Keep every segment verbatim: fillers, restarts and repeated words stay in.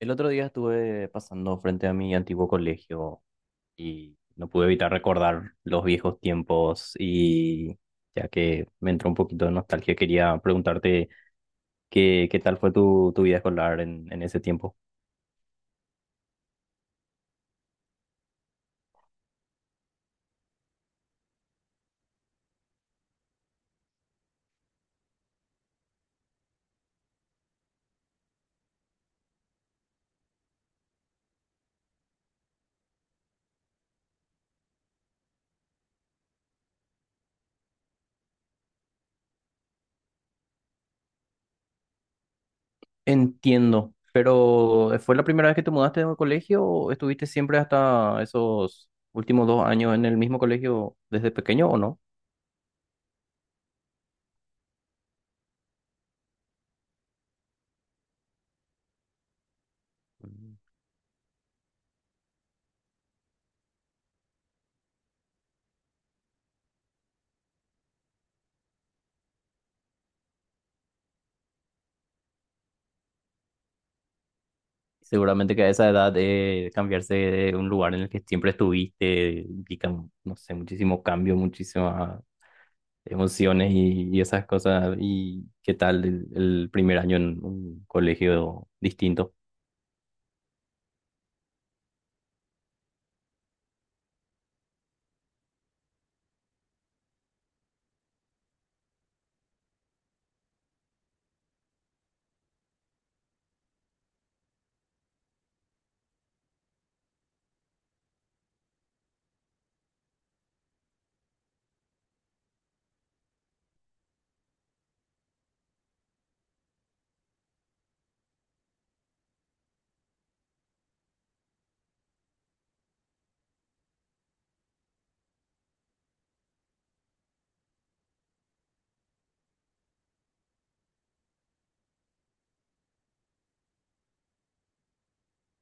El otro día estuve pasando frente a mi antiguo colegio y no pude evitar recordar los viejos tiempos y ya que me entró un poquito de nostalgia, quería preguntarte qué, qué tal fue tu, tu vida escolar en, en ese tiempo. Entiendo, pero ¿fue la primera vez que te mudaste de colegio o estuviste siempre hasta esos últimos dos años en el mismo colegio desde pequeño o no? Seguramente que a esa edad eh, cambiarse de un lugar en el que siempre estuviste implica, no sé, muchísimo cambio, muchísimas emociones y, y esas cosas. ¿Y qué tal el, el primer año en un colegio distinto?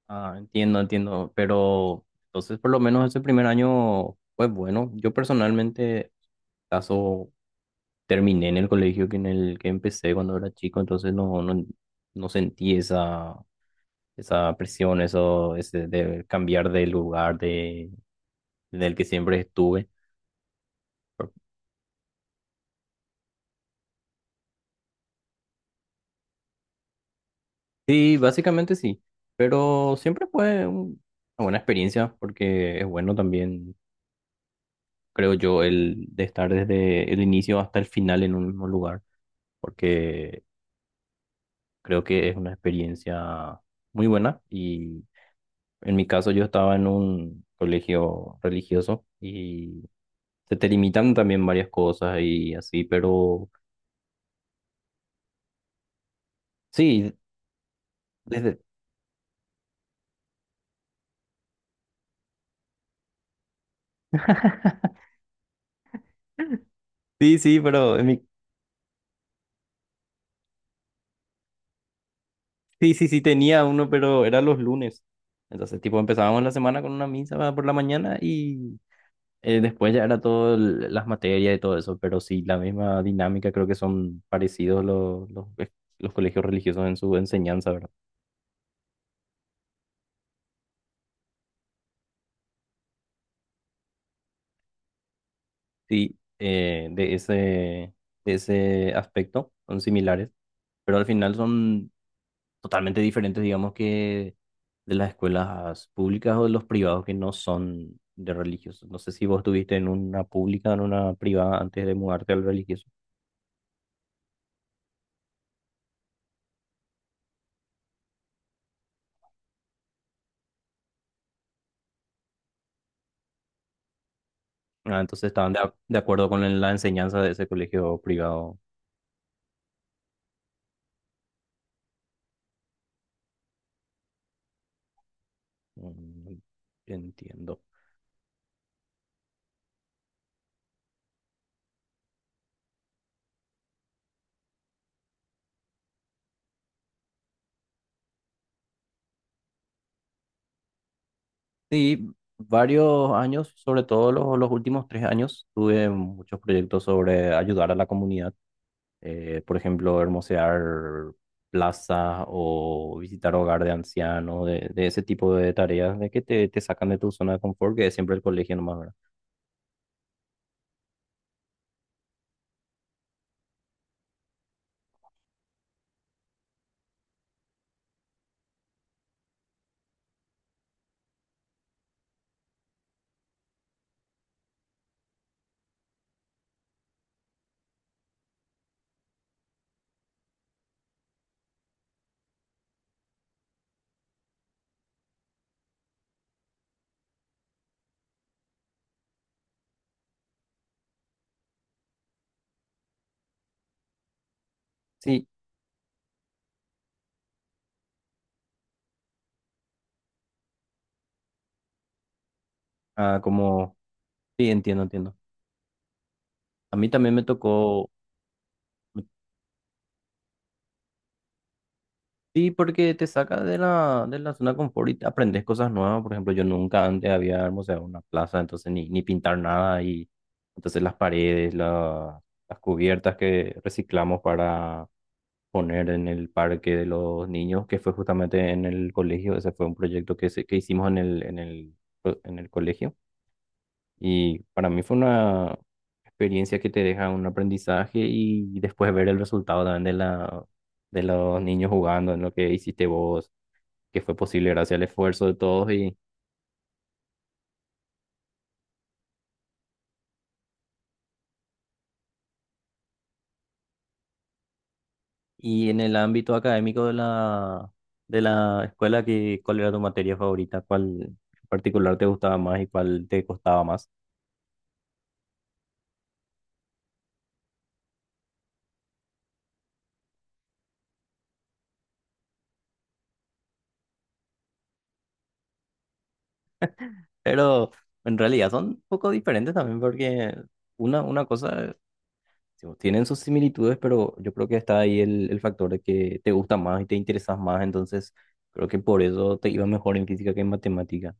Ah, entiendo, entiendo, pero entonces por lo menos ese primer año, pues bueno, yo personalmente caso terminé en el colegio que en el que empecé cuando era chico, entonces no, no, no sentí esa esa presión, eso, ese de cambiar de lugar de, del que siempre estuve. Sí, básicamente sí, pero siempre fue un- una buena experiencia porque es bueno también, creo yo, el de estar desde el inicio hasta el final en un mismo lugar, porque creo que es una experiencia muy buena y en mi caso yo estaba en un colegio religioso y se te limitan también varias cosas y así, pero sí. Desde, Sí, sí, pero en mi... Sí, sí, sí tenía uno, pero era los lunes. Entonces, tipo, empezábamos la semana con una misa por la mañana y eh, después ya era todo el- las materias y todo eso, pero sí, la misma dinámica, creo que son parecidos los, los, los colegios religiosos en su enseñanza, ¿verdad? Sí, eh, de ese, de ese aspecto son similares, pero al final son totalmente diferentes, digamos, que de las escuelas públicas o de los privados que no son de religiosos. No sé si vos estuviste en una pública o en una privada antes de mudarte al religioso. Ah, entonces estaban de, ac- de acuerdo con el- la enseñanza de ese colegio privado. Mm, entiendo. Sí, varios años, sobre todo los, los últimos tres años, tuve muchos proyectos sobre ayudar a la comunidad. Eh, por ejemplo, hermosear plazas o visitar hogar de ancianos, de, de ese tipo de tareas, de que te, te sacan de tu zona de confort, que es siempre el colegio nomás, ¿verdad? Sí, ah, como, sí, entiendo, entiendo. A mí también me tocó, me. Sí, porque te saca de la, de la zona de confort y te aprendes cosas nuevas. Por ejemplo, yo nunca antes había hermoseado una plaza, entonces ni, ni pintar nada. Y entonces las paredes, la- las cubiertas que reciclamos para poner en el parque de los niños, que fue justamente en el colegio. Ese fue un proyecto que, se- que hicimos en el, en el, en el colegio. Y para mí fue una experiencia que te deja un aprendizaje y después ver el resultado también de la, de los niños jugando, en lo que hiciste vos, que fue posible gracias al esfuerzo de todos. Y, y en el ámbito académico de la, de la escuela, que, ¿cuál era tu materia favorita? ¿Cuál en particular te gustaba más y cuál te costaba más? Pero en realidad son un poco diferentes también porque... Una, una cosa. Tipo, tienen sus similitudes, pero yo creo que está ahí el, el factor de que te gusta más y te interesas más, entonces creo que por eso te iba mejor en física que en matemática.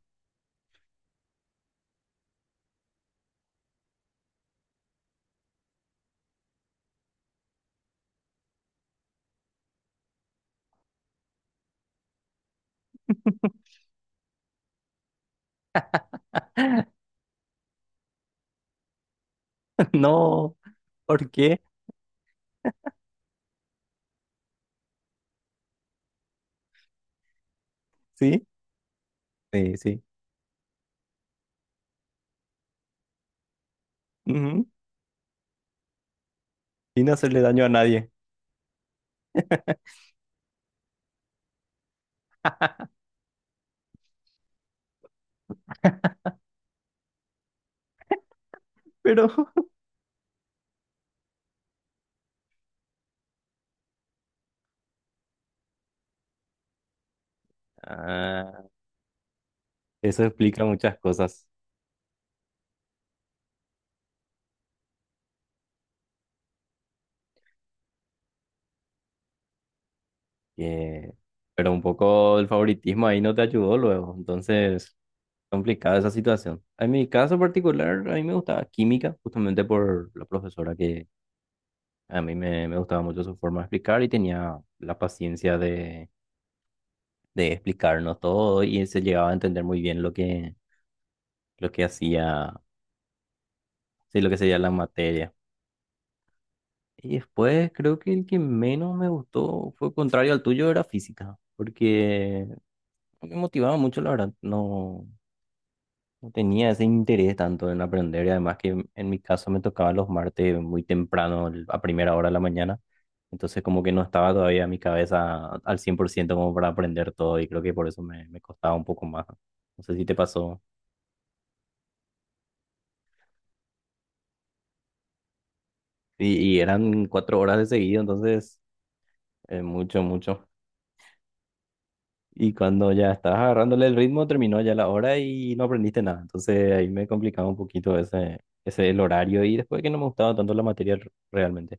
No, ¿por qué? Sí, sí, sí. Ujú. Sin hacerle daño a nadie, pero ah, eso explica muchas cosas. Que- pero un poco el favoritismo ahí no te ayudó luego, entonces complicada esa situación. En mi caso particular, a mí me gustaba química, justamente por la profesora que a mí me, me gustaba mucho su forma de explicar y tenía la paciencia de, de explicarnos todo y se llegaba a entender muy bien lo que, lo que hacía, sí, lo que sería la materia. Y después creo que el que menos me gustó fue contrario al tuyo, era física, porque no me motivaba mucho, la verdad, no, no tenía ese interés tanto en aprender y además que en mi caso me tocaba los martes muy temprano, el- a primera hora de la mañana. Entonces como que no estaba todavía en mi cabeza al cien por ciento como para aprender todo y creo que por eso me, me costaba un poco más. No sé si te pasó. Y, y eran cuatro horas de seguido, entonces eh, mucho, mucho. Y cuando ya estabas agarrándole el ritmo, terminó ya la hora y no aprendiste nada. Entonces ahí me complicaba un poquito ese, ese el horario y después que no me gustaba tanto la materia r- realmente.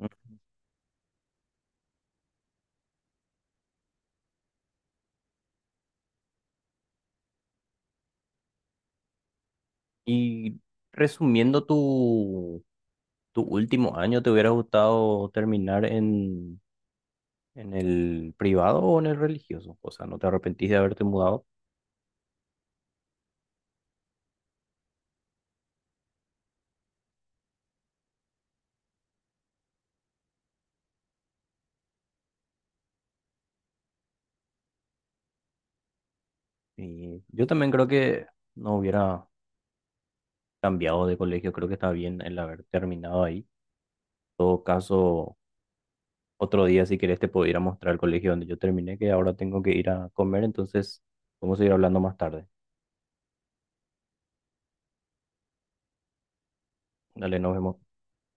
Mm. Y resumiendo tu, tu último año, ¿te hubiera gustado terminar en, ¿En el privado o en el religioso? O sea, no te arrepentís de haberte mudado. Y yo también creo que no hubiera cambiado de colegio, creo que está bien el haber terminado ahí. En todo caso, otro día si querés te puedo ir a mostrar el colegio donde yo terminé, que ahora tengo que ir a comer, entonces vamos a ir hablando más tarde. Dale, nos vemos.